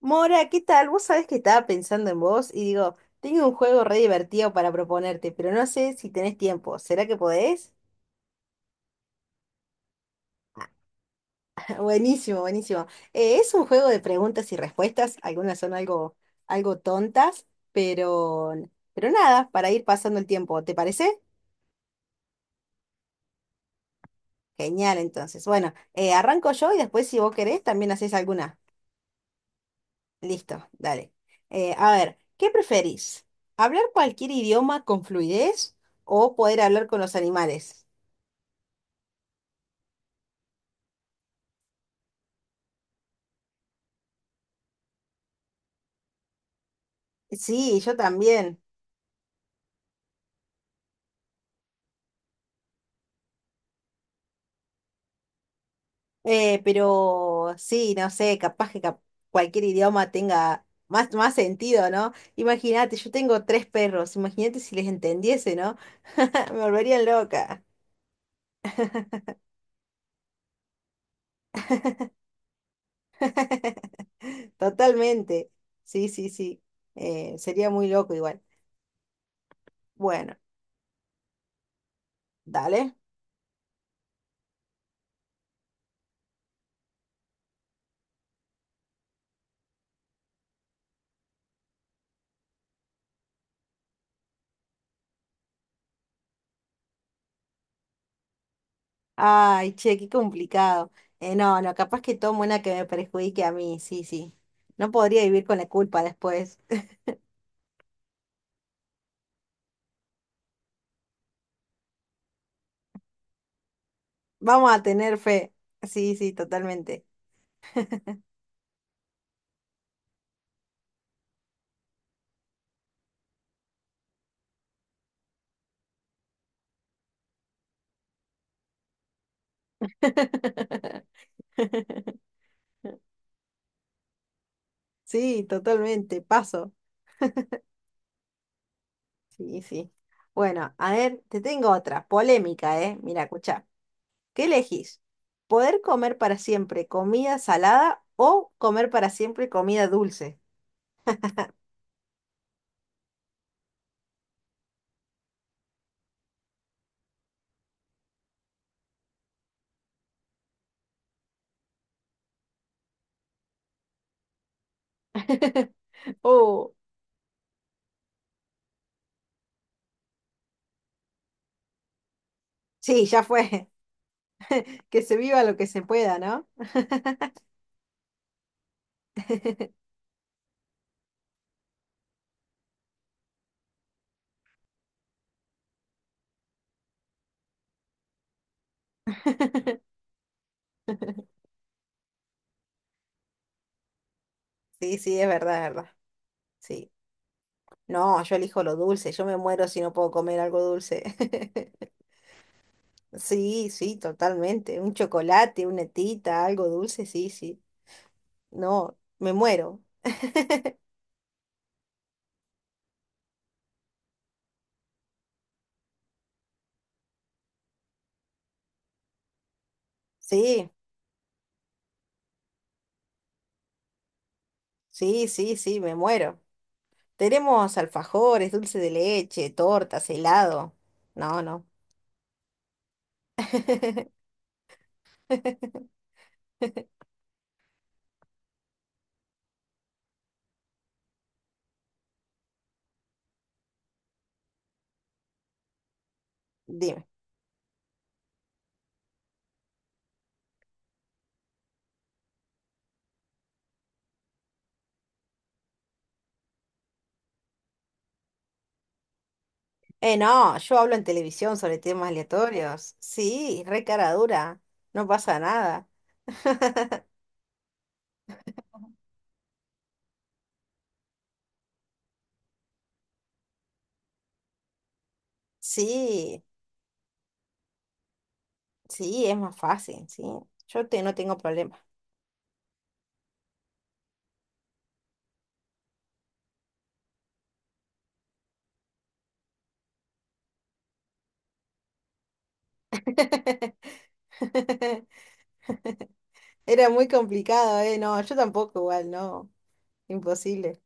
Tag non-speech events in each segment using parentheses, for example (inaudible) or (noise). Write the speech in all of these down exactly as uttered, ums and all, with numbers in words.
Mora, ¿qué tal? Vos sabés que estaba pensando en vos y digo, tengo un juego re divertido para proponerte, pero no sé si tenés tiempo. ¿Será que podés? (laughs) Buenísimo, buenísimo. Eh, es un juego de preguntas y respuestas, algunas son algo, algo tontas, pero, pero nada, para ir pasando el tiempo, ¿te parece? Genial, entonces. Bueno, eh, arranco yo y después si vos querés también haces alguna. Listo, dale. Eh, a ver, ¿qué preferís? ¿Hablar cualquier idioma con fluidez o poder hablar con los animales? Sí, yo también. Eh, pero sí, no sé, capaz que cap- cualquier idioma tenga más, más sentido, ¿no? Imagínate, yo tengo tres perros, imagínate si les entendiese, ¿no? (laughs) Me volverían loca. (laughs) Totalmente. Sí, sí, sí. Eh, sería muy loco igual. Bueno, dale. Ay, che, qué complicado. Eh, no, no, capaz que tomo una que me perjudique a mí, sí, sí. No podría vivir con la culpa después. Vamos a tener fe. Sí, sí, totalmente. (laughs) Sí, totalmente. Paso. Sí, sí. Bueno, a ver, te tengo otra. Polémica, ¿eh? Mira, escucha. ¿Qué elegís? ¿Poder comer para siempre comida salada o comer para siempre comida dulce? (laughs) Oh, sí, ya fue. (laughs) Que se viva lo que se pueda, ¿no? (laughs) Sí, sí, es verdad, es verdad. Sí. No, yo elijo lo dulce. Yo me muero si no puedo comer algo dulce. (laughs) Sí, sí, totalmente. Un chocolate, una tita, algo dulce, sí, sí. No, me muero. Sí, sí, sí, sí, me muero. Tenemos alfajores, dulce de leche, tortas, helado. No, no. (laughs) Dime. Eh, no, yo hablo en televisión sobre temas aleatorios. Sí, re cara dura. No pasa nada. Sí, sí, es más fácil, sí. Yo te, no tengo problema. (laughs) Era muy complicado, ¿eh? No, yo tampoco, igual, no. Imposible.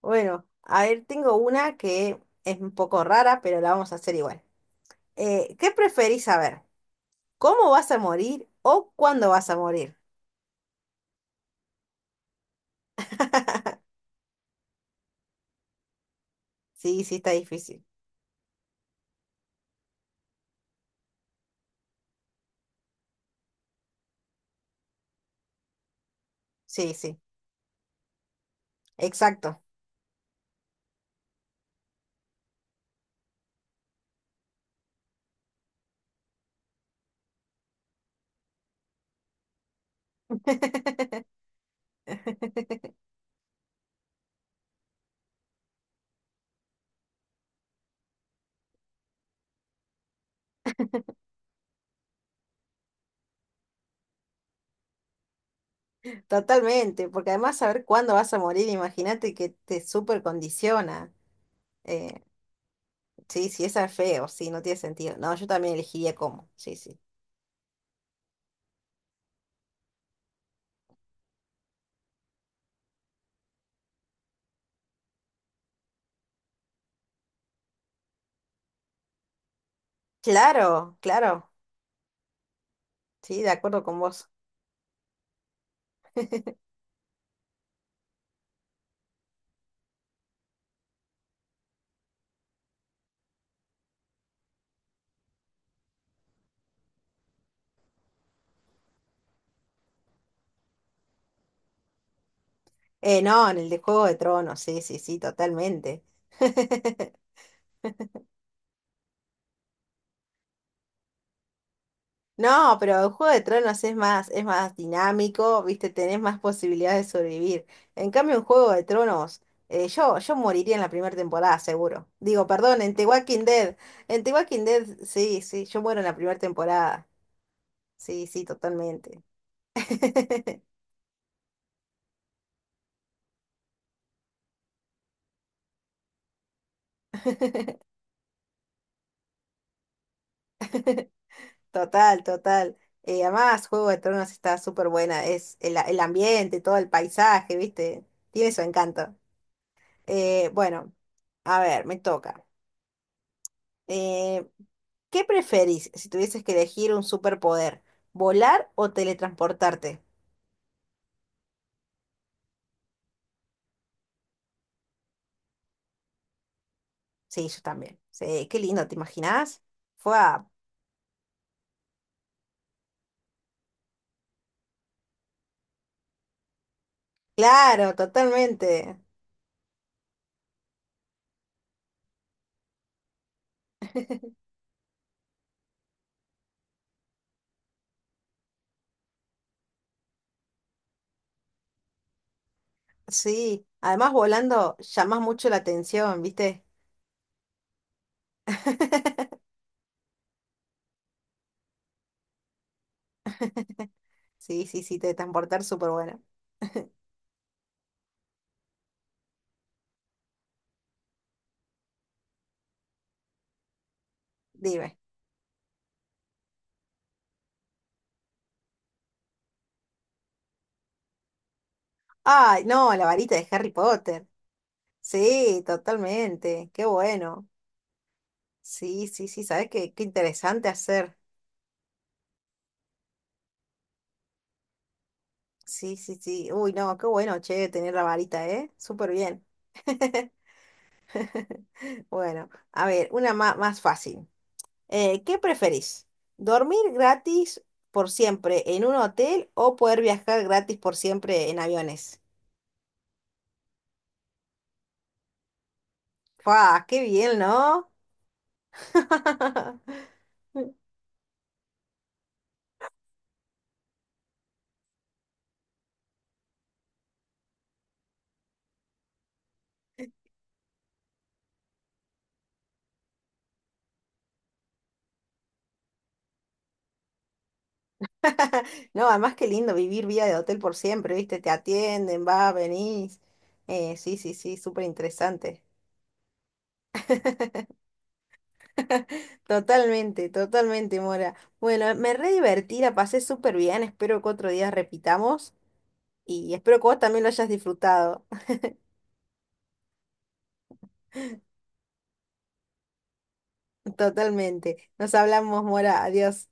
Bueno, a ver, tengo una que es un poco rara, pero la vamos a hacer igual. Eh, ¿qué preferís saber? ¿Cómo vas a morir o cuándo vas a morir? Sí, sí, está difícil. Sí, sí, exacto. (laughs) Totalmente, porque además saber cuándo vas a morir, imagínate que te súper condiciona. Eh, sí, sí, esa es feo, sí, no tiene sentido. No, yo también elegiría cómo, sí, sí. Claro, claro. Sí, de acuerdo con vos. Eh, no, en el de Juego de Tronos, sí, sí, sí, totalmente. (laughs) No, pero el Juego de Tronos es más, es más dinámico, viste, tenés más posibilidades de sobrevivir. En cambio, en Juego de Tronos, eh, yo, yo moriría en la primera temporada, seguro. Digo, perdón, en The Walking Dead. En The Walking Dead, sí, sí, yo muero en la primera temporada. Sí, sí, totalmente. (laughs) Total, total. Eh, además, Juego de Tronos está súper buena. Es el, el ambiente, todo el paisaje, ¿viste? Tiene su encanto. Eh, bueno, a ver, me toca. Eh, ¿Qué preferís si tuvieses que elegir un superpoder? ¿Volar o teletransportarte? Sí, yo también. Sí, qué lindo, ¿te imaginás? Fue Claro, totalmente. Sí. Además, volando llamás mucho la atención, ¿viste? (laughs) Sí, sí, sí, teletransportar súper bueno. Dime. Ay, no, la varita de Harry Potter. Sí, totalmente. Qué bueno. Sí, sí, sí, ¿sabes qué? Qué interesante hacer. Sí, sí, sí. Uy, no, qué bueno, che, tener la varita, ¿eh? Súper bien. (laughs) Bueno, a ver, una ma- más fácil. Eh, ¿qué preferís? ¿Dormir gratis por siempre en un hotel o poder viajar gratis por siempre en aviones? ¡Fua! ¡Qué bien, ¿no? (laughs) (laughs) No, además qué lindo vivir vida de hotel por siempre, ¿viste? Te atienden, va, venís. Eh, sí, sí, sí, súper interesante. Totalmente, totalmente, Mora. Bueno, me re divertí, la pasé súper bien. Espero que otro día repitamos y espero que vos también lo hayas disfrutado. (laughs) Totalmente. Nos hablamos, Mora. Adiós.